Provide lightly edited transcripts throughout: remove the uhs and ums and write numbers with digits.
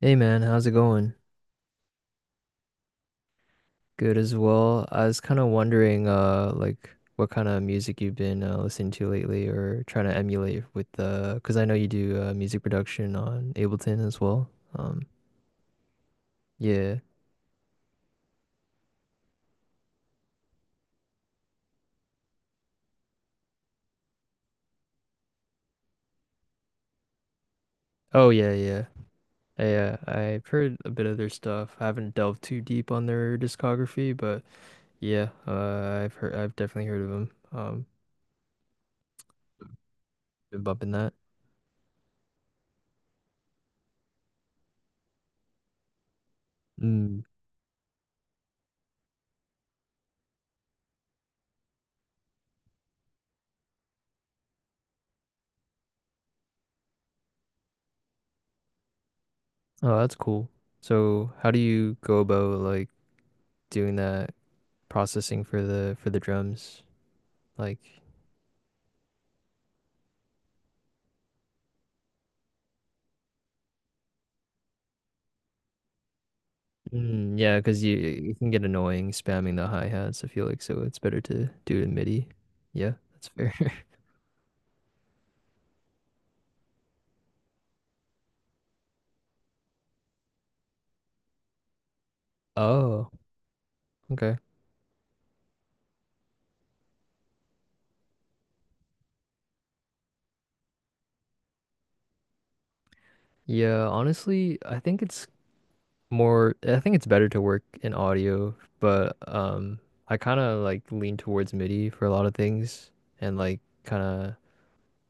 Hey man, how's it going? Good as well. I was kind of wondering, what kind of music you've been listening to lately or trying to emulate with the, because I know you do music production on Ableton as well. Um, yeah. Oh yeah, yeah. Yeah, I've heard a bit of their stuff. I haven't delved too deep on their discography, but yeah, I've heard, I've definitely heard of them. Been bumping that. Mm. Oh, that's cool. So, how do you go about like doing that? Processing for the drums. Like, mm, yeah, because you can get annoying spamming the hi hats. I feel like so it's better to do it in MIDI. Yeah, that's fair. Oh, okay. Yeah, honestly, I think it's more. I think it's better to work in audio, but I kind of like lean towards MIDI for a lot of things, and like kind of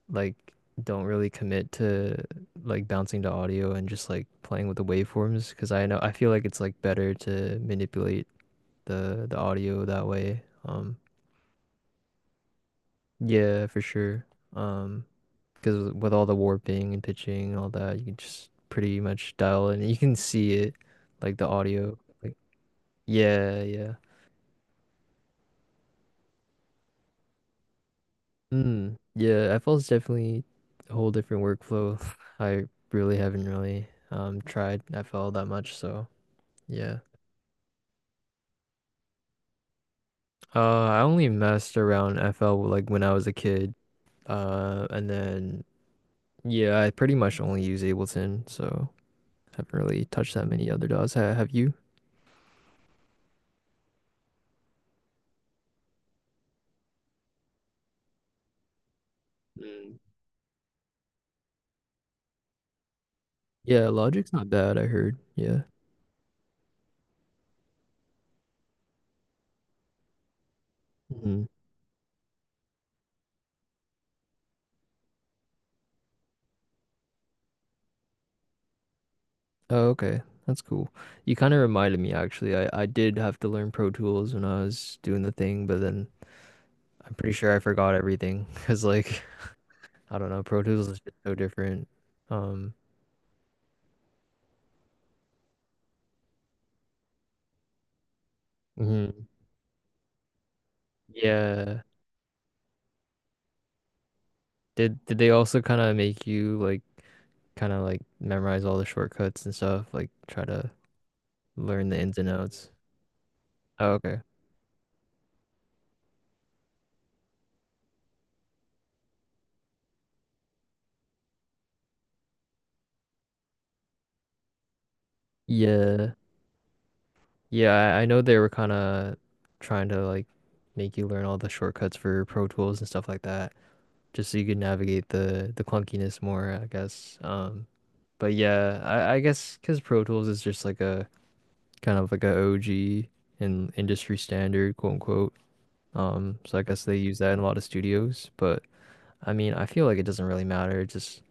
like don't really commit to like bouncing to audio and just like playing with the waveforms because I know I feel like it's like better to manipulate the audio that way. Yeah, for sure. Um, because with all the warping and pitching and all that, you can just pretty much dial in. You can see it, like the audio. Like yeah, yeah. Mm, yeah, FL's definitely a whole different workflow. I really haven't really tried FL that much, so yeah. I only messed around FL like when I was a kid. And then yeah, I pretty much only use Ableton, so haven't really touched that many other DAWs. Ha have you? Mm. Yeah, Logic's not bad, I heard. Yeah. Hmm. Oh, okay. That's cool. You kind of reminded me actually. I did have to learn Pro Tools when I was doing the thing, but then I'm pretty sure I forgot everything because like I don't know, Pro Tools is just so different. Um, mhm. Yeah. Did they also kind of make you like kind of like memorize all the shortcuts and stuff, like try to learn the ins and outs? Oh, okay. Yeah. Yeah, I know they were kind of trying to like make you learn all the shortcuts for Pro Tools and stuff like that, just so you could navigate the clunkiness more, I guess. But yeah, I guess because Pro Tools is just like a kind of like a OG and industry standard, quote unquote. So I guess they use that in a lot of studios, but I mean, I feel like it doesn't really matter. Just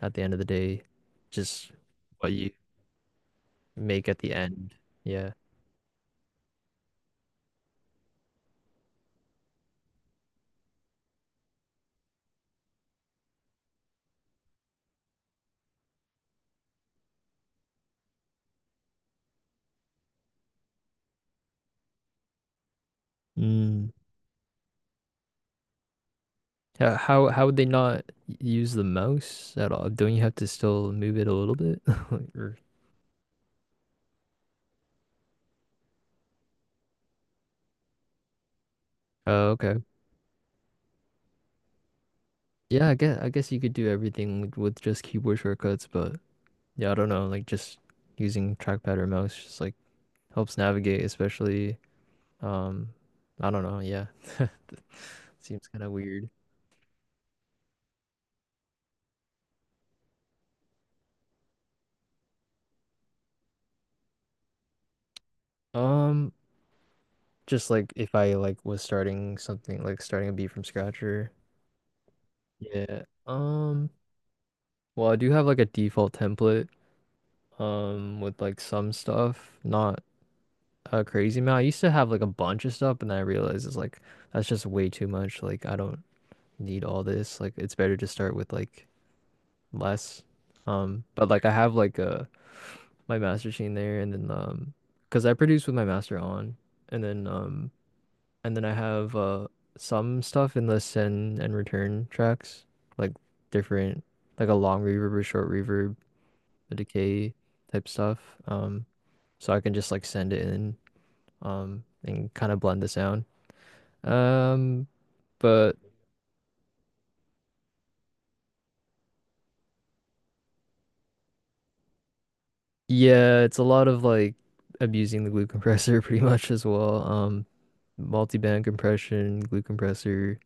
at the end of the day, just what you make at the end. Yeah. Mm. How would they not use the mouse at all? Don't you have to still move it a little bit? Or- oh, okay. Yeah, I guess you could do everything with just keyboard shortcuts, but yeah, I don't know, like just using trackpad or mouse just like helps navigate, especially um I don't know, yeah. Seems kind of weird. Um, Just like if I like was starting something like starting a beat from scratch or yeah. Well, I do have like a default template with like some stuff, not a crazy amount. I used to have like a bunch of stuff, and then I realized it's like that's just way too much. Like I don't need all this. Like it's better to start with like less. But like I have like my master machine there, and then because I produce with my master on, and then. And then I have some stuff in the send and return tracks, like different, like a long reverb or short reverb, a decay type stuff. Um, so I can just like send it in, and kind of blend the sound. Um, but yeah, it's a lot of like abusing the glue compressor pretty much as well. Multi-band compression, glue compressor,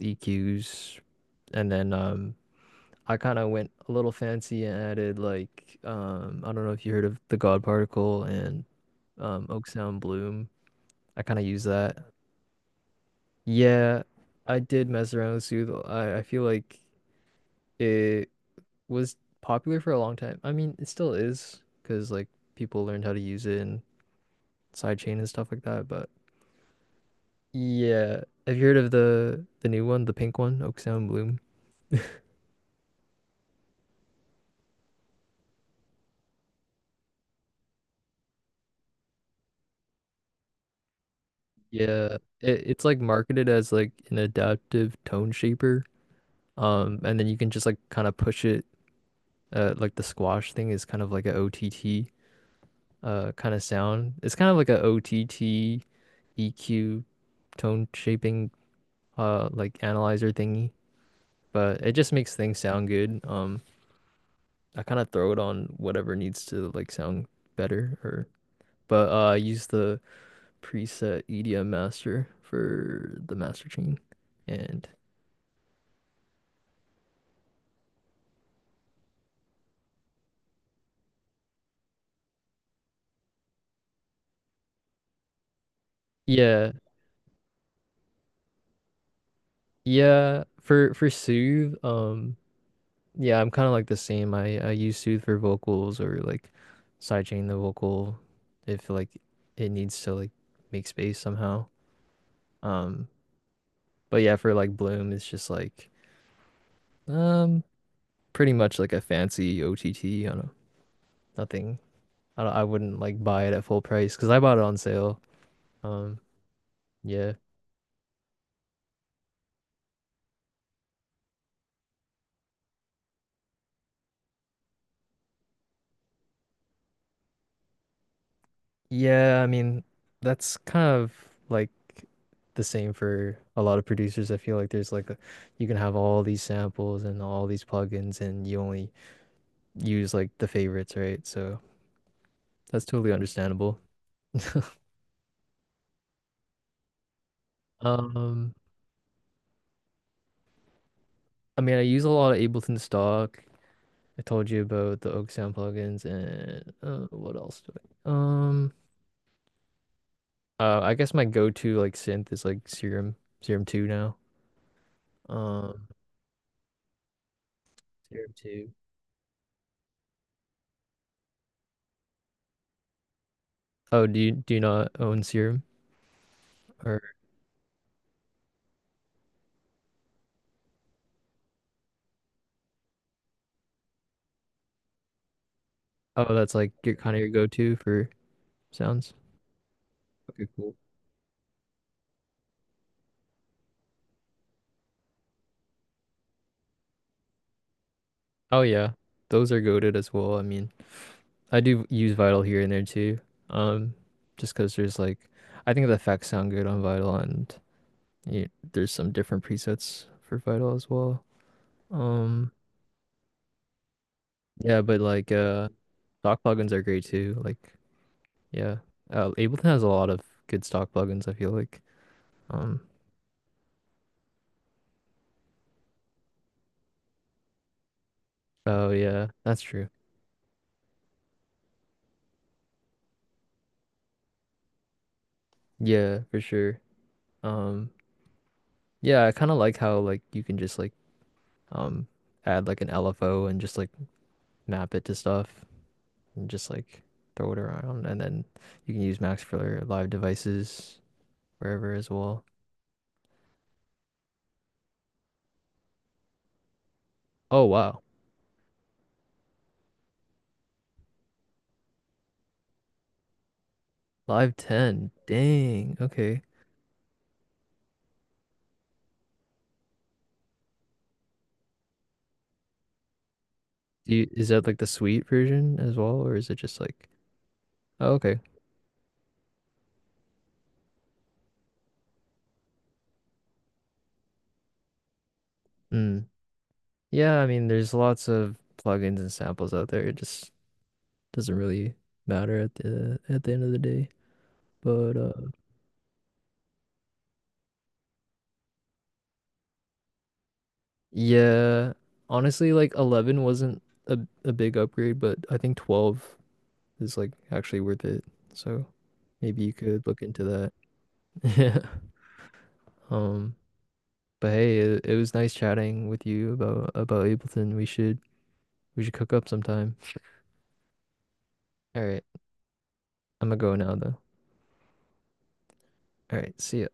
EQs, and then I kind of went a little fancy and added like I don't know if you heard of the God Particle and Oak Sound Bloom. I kind of use that. Yeah, I did mess around with Sooth. I feel like it was popular for a long time. I mean, it still is because like people learned how to use it and sidechain and stuff like that. But yeah, have you heard of the new one, the pink one, Oak Sound Bloom? Yeah, it's like marketed as like an adaptive tone shaper. And then you can just like kind of push it. Like the squash thing is kind of like a OTT kind of sound. It's kind of like a OTT EQ tone shaping like analyzer thingy, but it just makes things sound good. I kind of throw it on whatever needs to like sound better or but I use the preset EDM master for the master chain and yeah, yeah, for Soothe, Yeah, I'm kind of like the same. I use Sooth for vocals or like sidechain the vocal if like it needs to like make space somehow. Um, but yeah, for like Bloom, it's just like um pretty much like a fancy OTT on know nothing. I don't- I wouldn't like buy it at full price because I bought it on sale. Um, yeah. Yeah, I mean, that's kind of like the same for a lot of producers. I feel like there's like a, you can have all these samples and all these plugins and you only use like the favorites, right? So that's totally understandable. Um, I mean, I use a lot of Ableton stock. I told you about the Oak Sound plugins and what else do I? I guess my go-to like synth is like Serum, Serum 2 now. Um, Serum 2. Oh, do you not own Serum? Oh, that's like your kind of your go-to for sounds. Okay, cool. Oh yeah, those are goaded as well. I mean, I do use Vital here and there too. Um, just because there's like, I think the effects sound good on Vital, and you, there's some different presets for Vital as well. Um, yeah, but like, stock plugins are great too. Like, yeah, Ableton has a lot of good stock plugins. I feel like. Um, oh yeah, that's true. Yeah, for sure. Um, yeah, I kind of like how like you can just like um add like an LFO and just like map it to stuff and just like throw it around and then you can use Max for live devices wherever as well. Oh wow. Live 10. Dang. Okay. Do you, is that like the suite version as well or is it just like oh, okay. Mm. Yeah, I mean there's lots of plugins and samples out there. It just doesn't really matter at the end of the day. But Yeah, honestly, like 11 wasn't a big upgrade, but I think 12 is like actually worth it. So maybe you could look into that. Yeah. Um, but hey, it was nice chatting with you about Ableton. We should cook up sometime. All right, I'm gonna go now though. All right, see ya.